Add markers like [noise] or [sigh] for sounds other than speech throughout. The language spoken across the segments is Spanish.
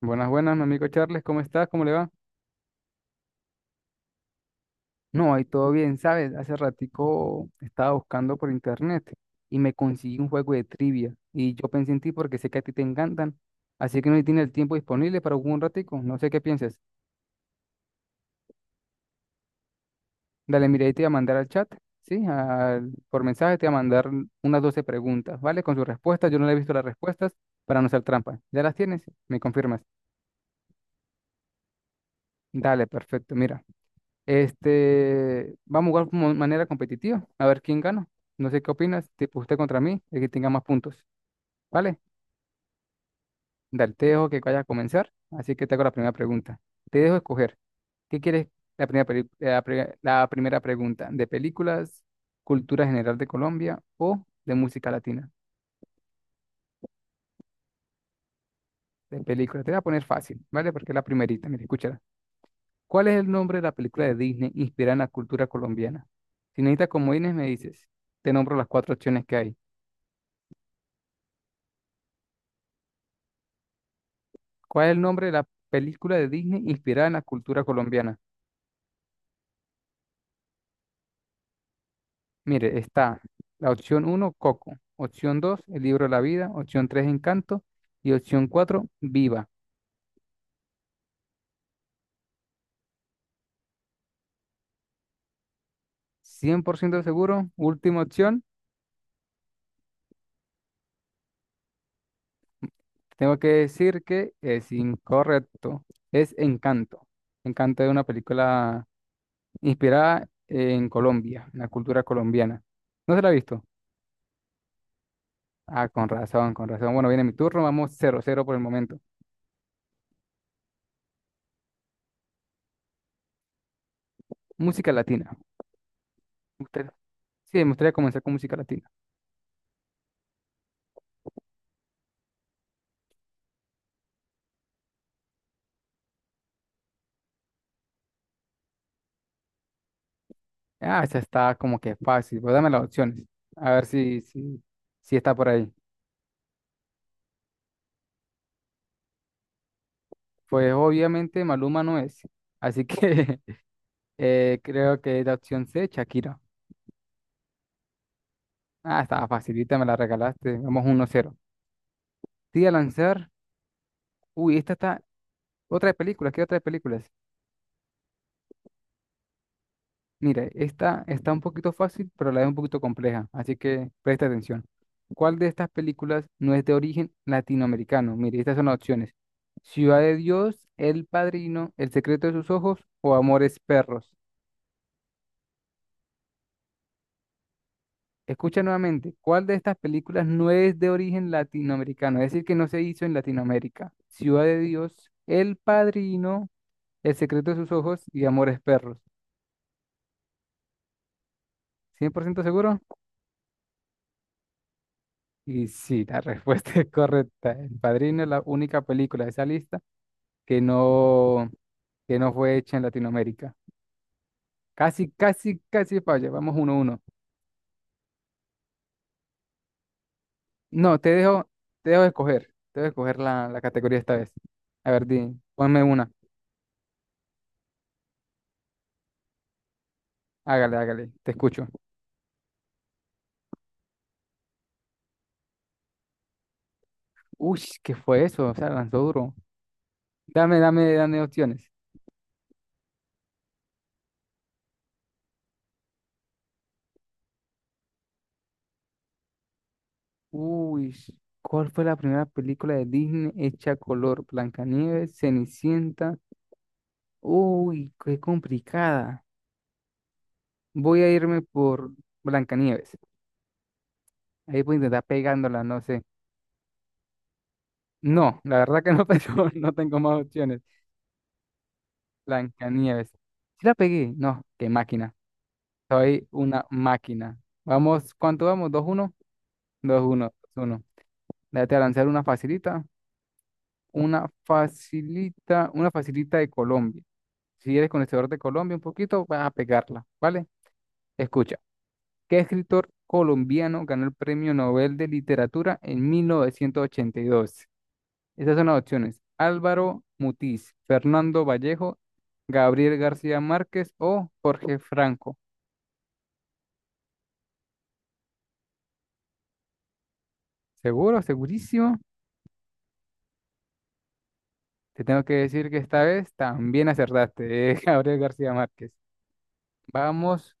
Buenas, buenas, mi amigo Charles, ¿cómo estás? ¿Cómo le va? No, ahí todo bien, ¿sabes? Hace ratico estaba buscando por internet y me conseguí un juego de trivia y yo pensé en ti porque sé que a ti te encantan, así que no tiene el tiempo disponible para jugar un ratico, no sé qué piensas. Dale, mira, ahí te voy a mandar al chat, ¿sí? Por mensaje te voy a mandar unas 12 preguntas, ¿vale? Con sus respuestas, yo no le he visto las respuestas para no hacer trampa. ¿Ya las tienes? ¿Me confirmas? Dale, perfecto, mira. Vamos a jugar como de manera competitiva, a ver quién gana. No sé qué opinas, tipo usted contra mí, el que tenga más puntos. ¿Vale? Dale, te dejo que vaya a comenzar, así que te hago la primera pregunta. Te dejo escoger. ¿Qué quieres? La primera, peli- la, pri- la primera pregunta, ¿de películas, cultura general de Colombia o de música latina? De películas. Te voy a poner fácil, ¿vale? Porque es la primerita, mira, escúchala. ¿Cuál es el nombre de la película de Disney inspirada en la cultura colombiana? Si necesitas comodines, me dices. Te nombro las cuatro opciones que hay. ¿Cuál es el nombre de la película de Disney inspirada en la cultura colombiana? Mire, está la opción uno, Coco, opción 2, El libro de la vida, opción 3, Encanto y opción cuatro, Viva. 100% seguro, última opción, tengo que decir que es incorrecto, es Encanto. Encanto es una película inspirada en Colombia, en la cultura colombiana. ¿No se la ha visto? Ah, con razón, con razón. Bueno, viene mi turno, vamos 0-0 por el momento. Música latina. Usted Sí, me gustaría comenzar con música latina. Ah, esa está como que fácil, pues dame las opciones. A ver si está por ahí. Pues obviamente Maluma no es. Así que [laughs] creo que es la opción C, Shakira. Ah, estaba facilita, me la regalaste. Vamos 1-0. Te voy a lanzar. Uy, esta está. Otra de películas, ¿qué otra de películas? Mire, esta está un poquito fácil, pero a la es un poquito compleja, así que presta atención. ¿Cuál de estas películas no es de origen latinoamericano? Mire, estas son las opciones. Ciudad de Dios, El Padrino, El secreto de sus ojos o Amores Perros. Escucha nuevamente, ¿cuál de estas películas no es de origen latinoamericano? Es decir, que no se hizo en Latinoamérica. Ciudad de Dios, El Padrino, El secreto de sus ojos y Amores Perros. ¿100% seguro? Y sí, la [laughs] respuesta es correcta. El Padrino es la única película de esa lista que no, que no fue hecha en Latinoamérica. Casi, casi, casi falla. Vamos 1-1. No, te dejo escoger. Te dejo escoger la categoría esta vez. A ver, di, ponme una. Hágale, hágale. Te escucho. Uy, ¿qué fue eso? O sea, lanzó duro. Dame, dame, dame opciones. Uy, ¿cuál fue la primera película de Disney hecha a color? Blancanieves, Cenicienta. Uy, qué complicada. Voy a irme por Blancanieves. Ahí voy a intentar pegándola, no sé. No, la verdad que no [laughs] tengo, no tengo más opciones. Blancanieves. Si la pegué, no, qué máquina. Soy una máquina. Vamos, ¿cuánto vamos? 2-1, 2-1, 2-1. Déjate lanzar una facilita. Una facilita, una facilita de Colombia. Si eres conocedor de Colombia un poquito, vas a pegarla, ¿vale? Escucha, ¿qué escritor colombiano ganó el Premio Nobel de Literatura en 1982? Esas son las opciones. Álvaro Mutiz, Fernando Vallejo, Gabriel García Márquez o Jorge Franco. ¿Seguro? ¿Segurísimo? Te tengo que decir que esta vez también acertaste, [laughs] Gabriel García Márquez. Vamos,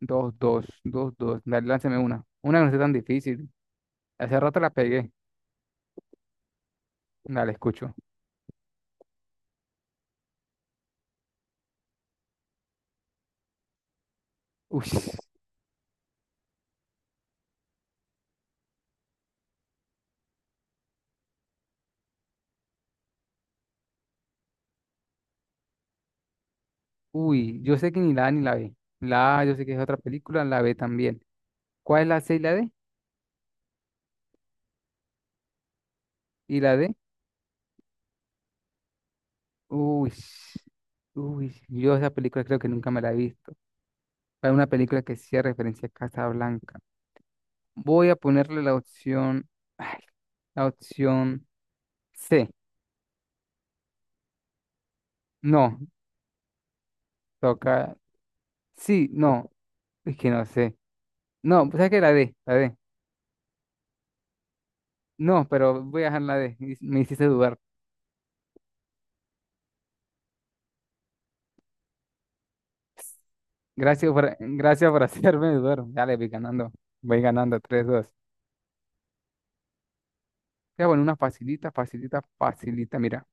dos, dos, dos, dos. Dale, lánzame una. Una que no sea tan difícil. Hace rato la pegué. Dale, escucho. Uy, uy, yo sé que ni la A ni la B. La A yo sé que es otra película, la B también. ¿Cuál es la C y la D? ¿Y la D? Uy, uy, yo esa película creo que nunca me la he visto. Hay una película que sí hace referencia a Casa Blanca. Voy a ponerle ay, la opción C. No, toca, sí, no, es que no sé. No, pues es que la D. No, pero voy a dejar la D. Y me hiciste dudar. Gracias por [laughs] hacerme dudar. Dale, voy ganando 3-2. Voy a poner una facilita, facilita, facilita. Mira.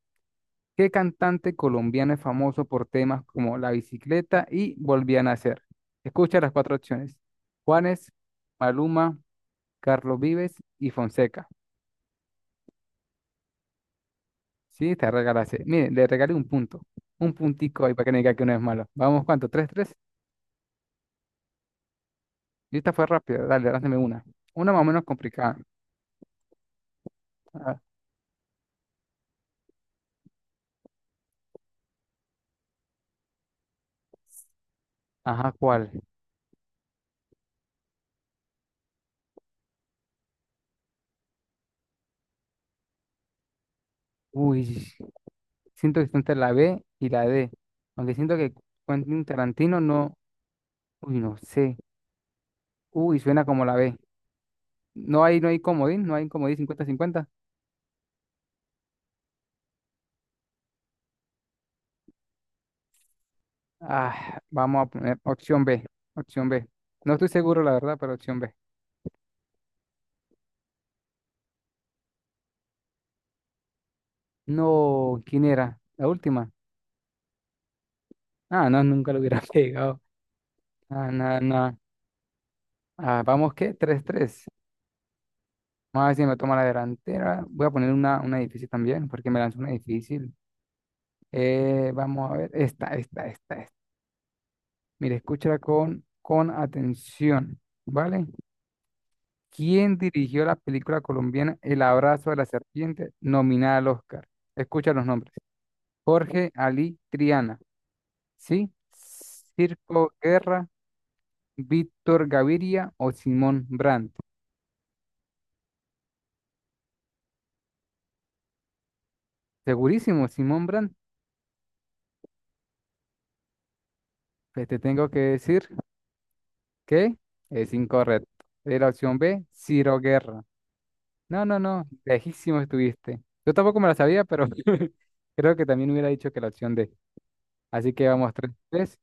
¿Qué cantante colombiano es famoso por temas como La bicicleta y Volví a nacer? Escucha las cuatro opciones. Juanes, Maluma, Carlos Vives y Fonseca. Sí, te regalaste. Mire, le regalé un punto. Un puntico ahí para que no diga que uno es malo. Vamos, ¿cuánto? ¿3-3? Y esta fue rápida. Dale, lánzame una. Una más o menos complicada. Ah, ajá, ¿cuál? Uy, siento que está entre la B y la D. Aunque siento que Quentin Tarantino no. Uy, no sé. Uy, suena como la B. No hay comodín 50-50. Ah, vamos a poner opción B. No estoy seguro, la verdad, pero opción B. No, ¿quién era? La última. Ah, no, nunca lo hubiera [laughs] pegado. Ah, nada, no. Ah, vamos, qué 3-3. Vamos a ver si me toma la delantera. Voy a poner una difícil también, porque me lanzó una difícil. Vamos a ver, esta, esta, esta, esta. Mire, escúchala con atención, ¿vale? ¿Quién dirigió la película colombiana El abrazo de la serpiente, nominada al Oscar? Escucha los nombres. Jorge Ali Triana, ¿sí? Circo Guerra, Víctor Gaviria o Simón Brandt. Segurísimo, Simón Brandt. Pues te tengo que decir que es incorrecto. Es la opción B, Ciro Guerra. No, no, no, lejísimo estuviste. Yo tampoco me la sabía, pero [laughs] creo que también hubiera dicho que la opción D. Así que vamos, 3-3.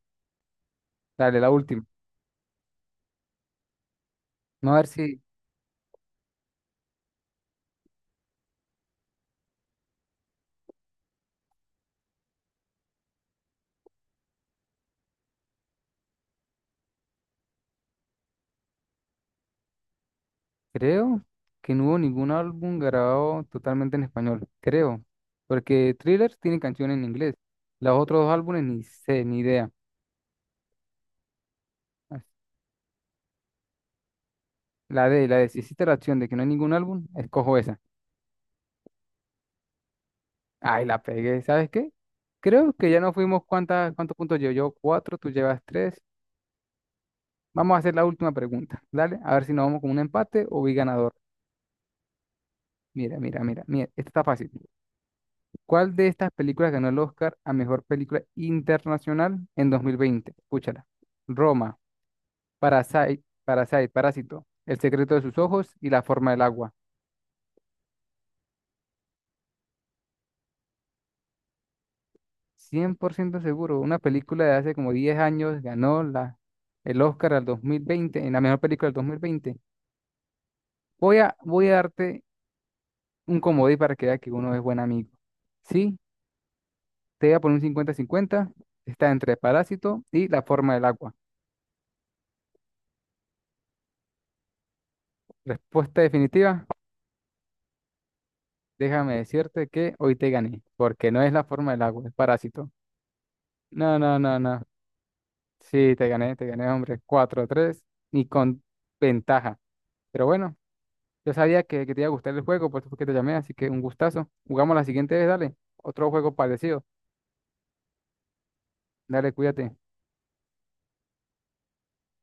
Dale, la última. Vamos a ver si... Creo que no hubo ningún álbum grabado totalmente en español, creo, porque Thriller tiene canciones en inglés, los otros dos álbumes ni sé, ni idea. As- la de, si hiciste la acción de que no hay ningún álbum, escojo esa. Ay, la pegué, ¿sabes qué? Creo que ya nos fuimos, ¿cuántos puntos llevo yo? Cuatro, tú llevas tres. Vamos a hacer la última pregunta, dale, a ver si nos vamos con un empate o vi ganador. Mira, mira, mira, mira, esta está fácil. ¿Cuál de estas películas ganó el Oscar a Mejor Película Internacional en 2020? Escúchala. Roma, Parasite, Parasite, Parásito, El secreto de sus ojos y La forma del agua. 100% seguro, una película de hace como 10 años ganó el Oscar al 2020 en la mejor película del 2020. Voy a darte un comodín para que veas que uno es buen amigo. Sí, te voy a poner un 50-50. Está entre Parásito y La forma del agua. Respuesta definitiva. Déjame decirte que hoy te gané, porque no es la forma del agua, es parásito. No, no, no, no. Sí, te gané, hombre. 4-3, ni con ventaja. Pero bueno, yo sabía que te iba a gustar el juego, por eso fue que te llamé, así que un gustazo. Jugamos la siguiente vez, dale. Otro juego parecido. Dale, cuídate.